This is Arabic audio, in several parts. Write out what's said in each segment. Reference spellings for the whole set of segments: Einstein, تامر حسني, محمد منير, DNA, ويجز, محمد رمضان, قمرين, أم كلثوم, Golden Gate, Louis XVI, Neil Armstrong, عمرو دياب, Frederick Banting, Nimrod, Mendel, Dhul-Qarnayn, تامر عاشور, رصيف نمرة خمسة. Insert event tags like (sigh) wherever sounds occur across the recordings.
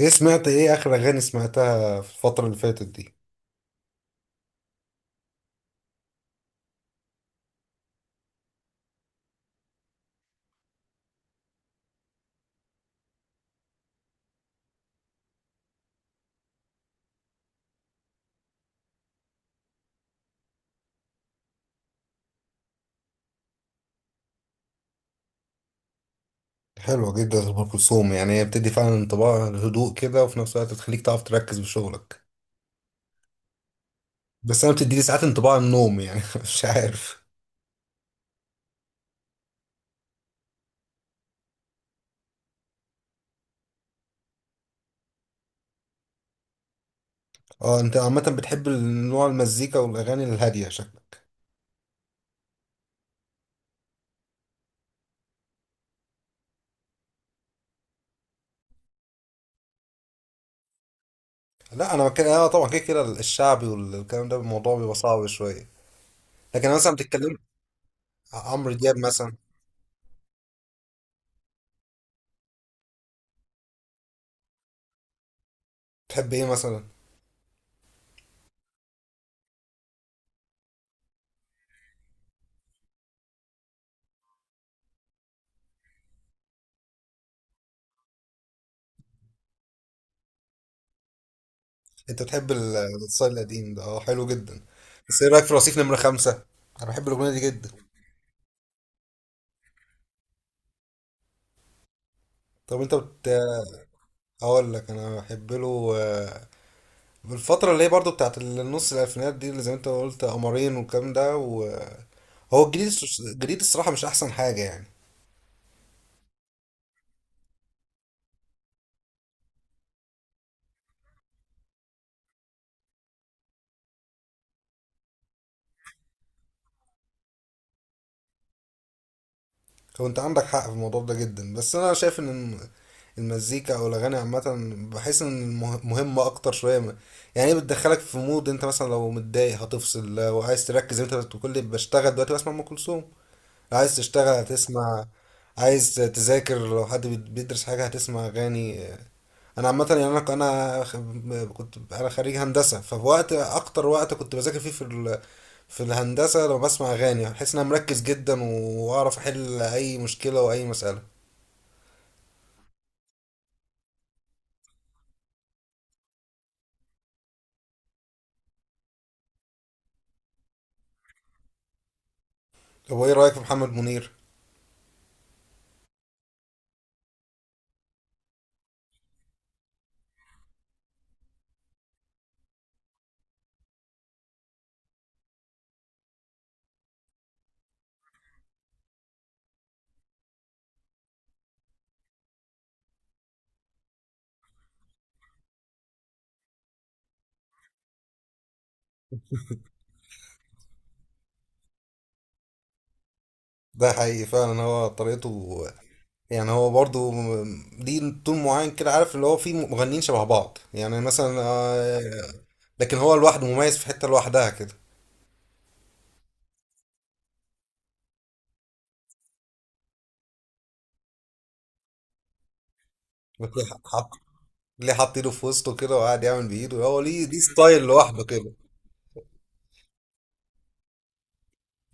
ايه، سمعت ايه اخر اغاني سمعتها في الفترة اللي فاتت دي؟ حلوة جدا ام كلثوم، يعني هي بتدي فعلا انطباع هدوء كده وفي نفس الوقت بتخليك تعرف تركز في شغلك. بس انا بتديلي ساعات انطباع النوم يعني (laughs) مش عارف. اه، انت عامة بتحب نوع المزيكا والاغاني الهادية شكلك. لا انا كده انا طبعا كده كده الشعبي والكلام ده الموضوع بيبقى صعب شوية. لكن أنا مثلا بتتكلم عمرو دياب مثلا. بتحب ايه مثلا؟ انت بتحب الستايل القديم ده، اه حلو جدا. بس ايه رايك في رصيف نمرة خمسة؟ انا بحب الاغنية دي جدا. طب انت اقول لك انا بحب له بالفتره اللي هي برضو بتاعت النص الالفينات دي، اللي زي ما انت قلت قمرين والكلام ده. وهو الجديد، الجديد الصراحه مش احسن حاجه يعني. هو انت عندك حق في الموضوع ده جدا، بس انا شايف ان المزيكا او الاغاني عامه بحس ان مهمه اكتر شويه يعني هي بتدخلك في مود. انت مثلا لو متضايق هتفصل، لو عايز تركز زي ما انت بتقول لي بشتغل دلوقتي بسمع ام كلثوم. لو عايز تشتغل هتسمع، عايز تذاكر لو حد بيدرس حاجة هتسمع أغاني انا عامه يعني انا كنت انا خريج هندسه فوقت اكتر وقت كنت بذاكر فيه في في الهندسه، لما بسمع اغاني بحس ان انا مركز جدا واعرف احل اي مشكله واي مساله. طب وايه رايك في محمد منير؟ ده حقيقي فعلا هو طريقته. يعني هو برضو ليه تون معين كده، عارف اللي هو فيه مغنيين شبه بعض يعني مثلا لكن هو لوحده مميز في حته لوحدها كده. ليه حط ليه حط ايده في وسطه كده وقاعد يعمل بايده، هو ليه ستايل لوحده كده.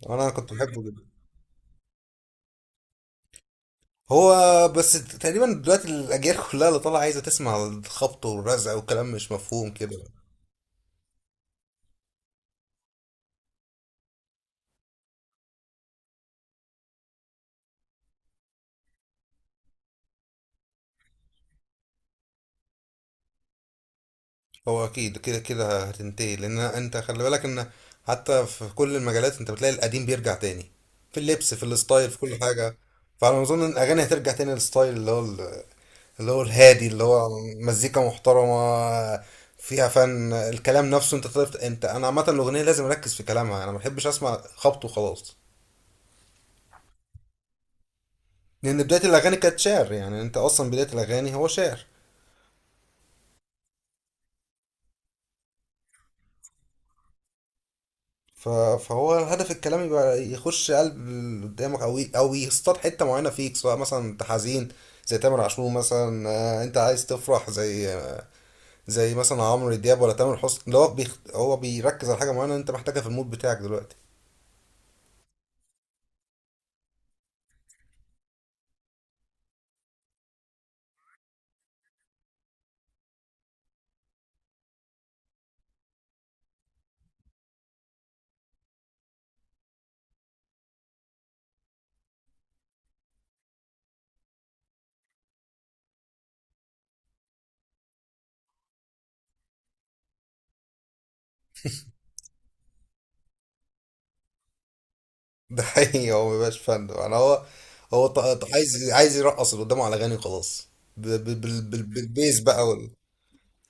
انا كنت بحبه جدا. هو بس تقريبا دلوقتي الاجيال كلها اللي طالعه عايزه تسمع الخبط والرزع وكلام مش مفهوم كده. هو اكيد كده كده هتنتهي، لان انت خلي بالك ان حتى في كل المجالات انت بتلاقي القديم بيرجع تاني، في اللبس في الستايل في كل حاجه. فانا اظن ان الاغاني هترجع تاني للستايل اللي هو اللي هو الهادي، اللي هو مزيكا محترمه فيها فن. الكلام نفسه، انت تعرف انت انا عامه الاغنيه لازم اركز في كلامها، انا ما بحبش اسمع خبط وخلاص. لان بدايه الاغاني كانت شعر، يعني انت اصلا بدايه الاغاني هو شعر. ف- فهو هدف الكلام يبقى يخش قلب اللي قدامك، او او يصطاد حته معينه فيك، سواء مثلا انت حزين زي تامر عاشور مثلا انت عايز تفرح زي زي مثلا عمرو دياب ولا تامر حسني. اللي هو هو بيركز على حاجه معينه انت محتاجها في المود بتاعك دلوقتي. (laughs) ده حقيقي، هو مبيبقاش فن يعني. هو هو عايز يرقص اللي قدامه على اغاني وخلاص. بالبيز بقى وال...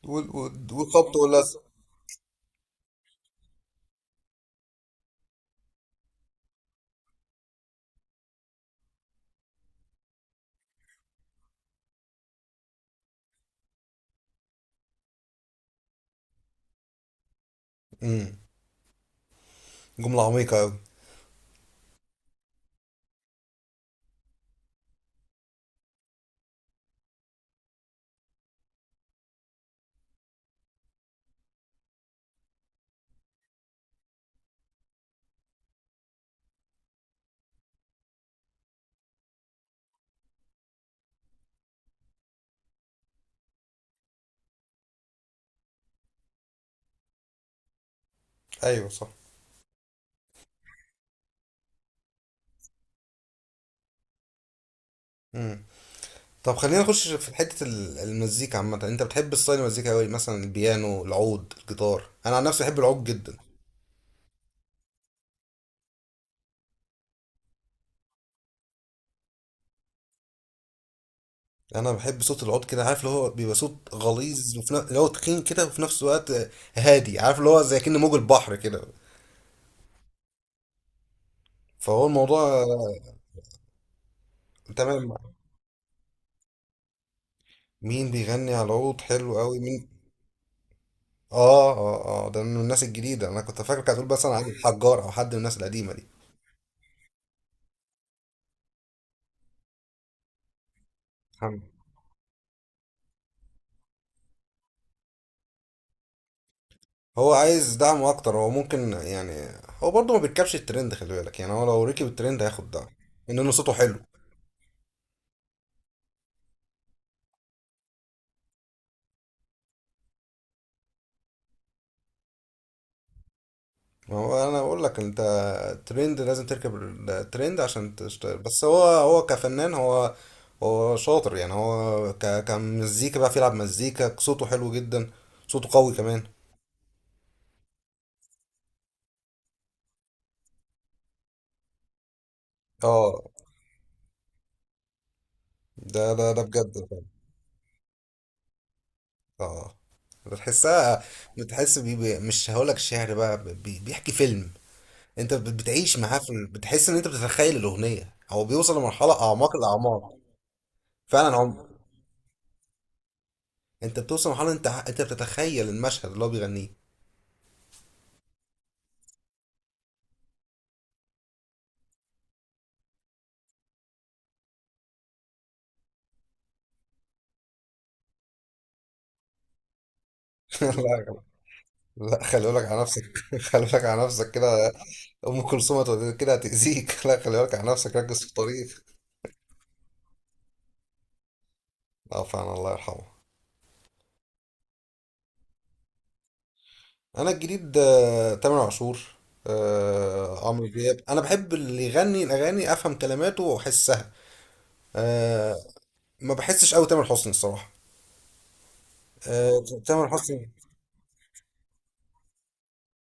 وال... وال- والخبط واللزق. جملة عميقة أوي. أيوة صح. مم. طب خلينا نخش في حتة المزيكا عامة، أنت بتحب ستايل المزيكا أوي مثلا البيانو العود الجيتار؟ أنا عن نفسي بحب العود جدا. أنا بحب صوت العود كده، عارف اللي هو بيبقى صوت غليظ وفي نفس اللي هو تخين كده، وفي نفس الوقت هادي، عارف اللي هو زي كأن موج البحر كده. فهو الموضوع. تمام. مين بيغني على العود حلو أوي مين؟ آه آه آه، ده من الناس الجديدة. أنا كنت فاكر كانت هتقول مثلا علي الحجار أو حد من الناس القديمة. دي هو عايز دعم اكتر، هو ممكن يعني هو برضه ما بيركبش الترند، خلي بالك يعني هو لو ركب الترند هياخد دعم. انه صوته حلو. ما هو انا بقول لك انت الترند لازم تركب، الترند عشان تشتغل. بس هو كفنان، هو هو شاطر يعني هو ك كمزيكا بقى بيلعب مزيكا، صوته حلو جدا، صوته قوي كمان. اه، ده بجد فعلا. اه، بتحسها، بتحس مش هقولك شعر بقى، بيحكي فيلم. انت بتعيش معاه في بتحس ان انت بتتخيل الاغنيه، هو بيوصل لمرحله اعماق الاعماق. فعلا عم. انت بتوصل لمرحله انت انت بتتخيل المشهد اللي هو بيغنيه. (laughs) لا يا جماعة. لا، خلي بالك على نفسك. (laughs) خلي بالك على نفسك كده. ام كلثوم كده هتاذيك. (laughs) لا، خلي بالك على نفسك، ركز في الطريق. اه فعلا الله يرحمه. انا الجديد تامر عاشور، عمرو دياب. انا بحب اللي يغني الاغاني افهم كلماته واحسها. أه، ما بحسش قوي تامر حسني الصراحه. أه، تامر حسني.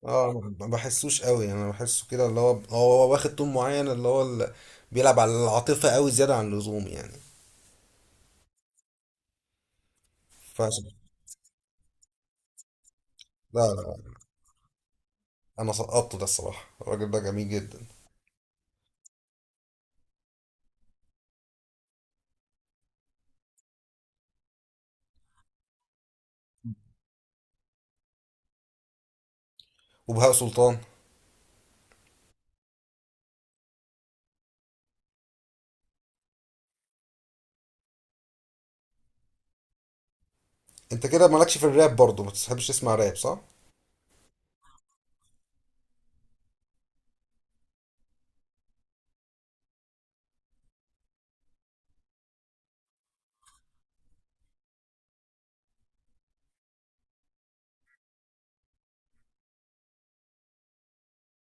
اه، ما بحسوش قوي يعني، انا بحسه كده اللي هو واخد طول معين اللي هو بيلعب على العاطفة قوي زيادة عن اللزوم يعني. فعشان، لا لا لا. انا سقطت، ده الصراحة الراجل ده جميل جدا. وبهاء سلطان. انت كده مالكش في الراب برضه، ما بتحبش تسمع راب صح؟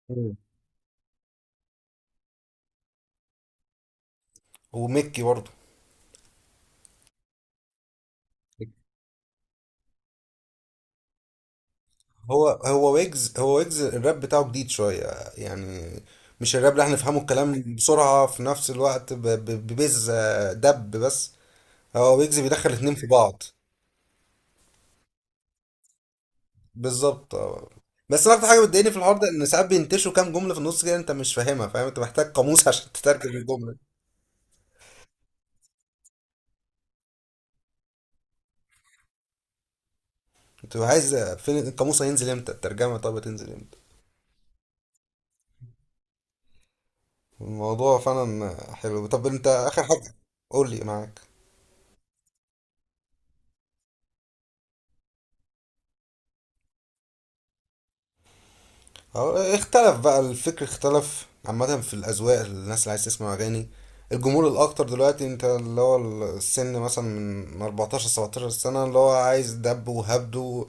مم. وميكي برضه. هو ويجز الراب بتاعه جديد شوية يعني. مش الراب اللي احنا نفهمه الكلام بسرعة، في نفس الوقت ببز دب بس. هو ويجز بيدخل الاتنين في بعض. بالظبط اه. بس أنا اكتر حاجه بتضايقني في الحوار ده ان ساعات بينتشوا كام جمله في النص كده، انت مش فاهمها، فاهم انت محتاج قاموس (laughs) عشان تترجم الجمله. انت عايز فين القاموس، هينزل امتى الترجمه، طب هتنزل امتى؟ الموضوع فعلا حلو. طب انت اخر حاجه قول لي معاك. اه، اختلف بقى الفكر، اختلف عامة في الأذواق. الناس اللي عايز تسمع أغاني، الجمهور الأكتر دلوقتي أنت اللي هو السن مثلا من 14 17 سنة، اللي هو عايز دب وهبد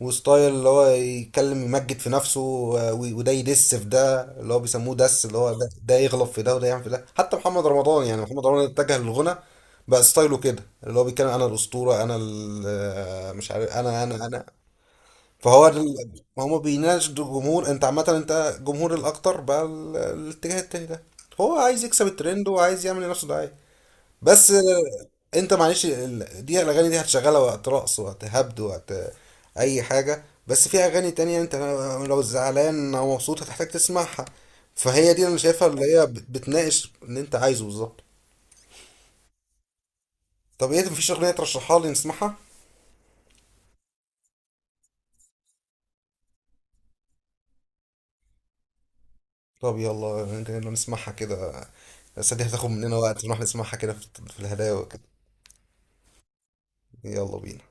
وستايل اللي هو يتكلم يمجد في نفسه وده يدس في ده اللي هو بيسموه دس، اللي هو ده، ده يغلط في ده وده يعمل في ده. حتى محمد رمضان يعني، محمد رمضان اتجه للغنى بقى ستايله كده، اللي هو بيتكلم أنا الأسطورة أنا مش عارف أنا أنا. فهو ده ما هما بيناقش الجمهور. انت عامة انت جمهور الاكتر بقى الاتجاه التاني ده، هو عايز يكسب الترند وعايز يعمل لنفسه دعاية. بس انت معلش دي الاغاني دي هتشغلها وقت رقص، وقت هبد، وقت اي حاجة. بس في اغاني تانية انت لو زعلان او مبسوط هتحتاج تسمعها. فهي دي اللي انا شايفها اللي هي بتناقش اللي انت عايزه بالظبط. طب ايه مفيش اغنية ترشحها لي نسمعها؟ طب يلا، يلا نسمعها كده. بس دي هتاخد مننا وقت نروح نسمعها كده، في الهدايا وكده. يلا بينا.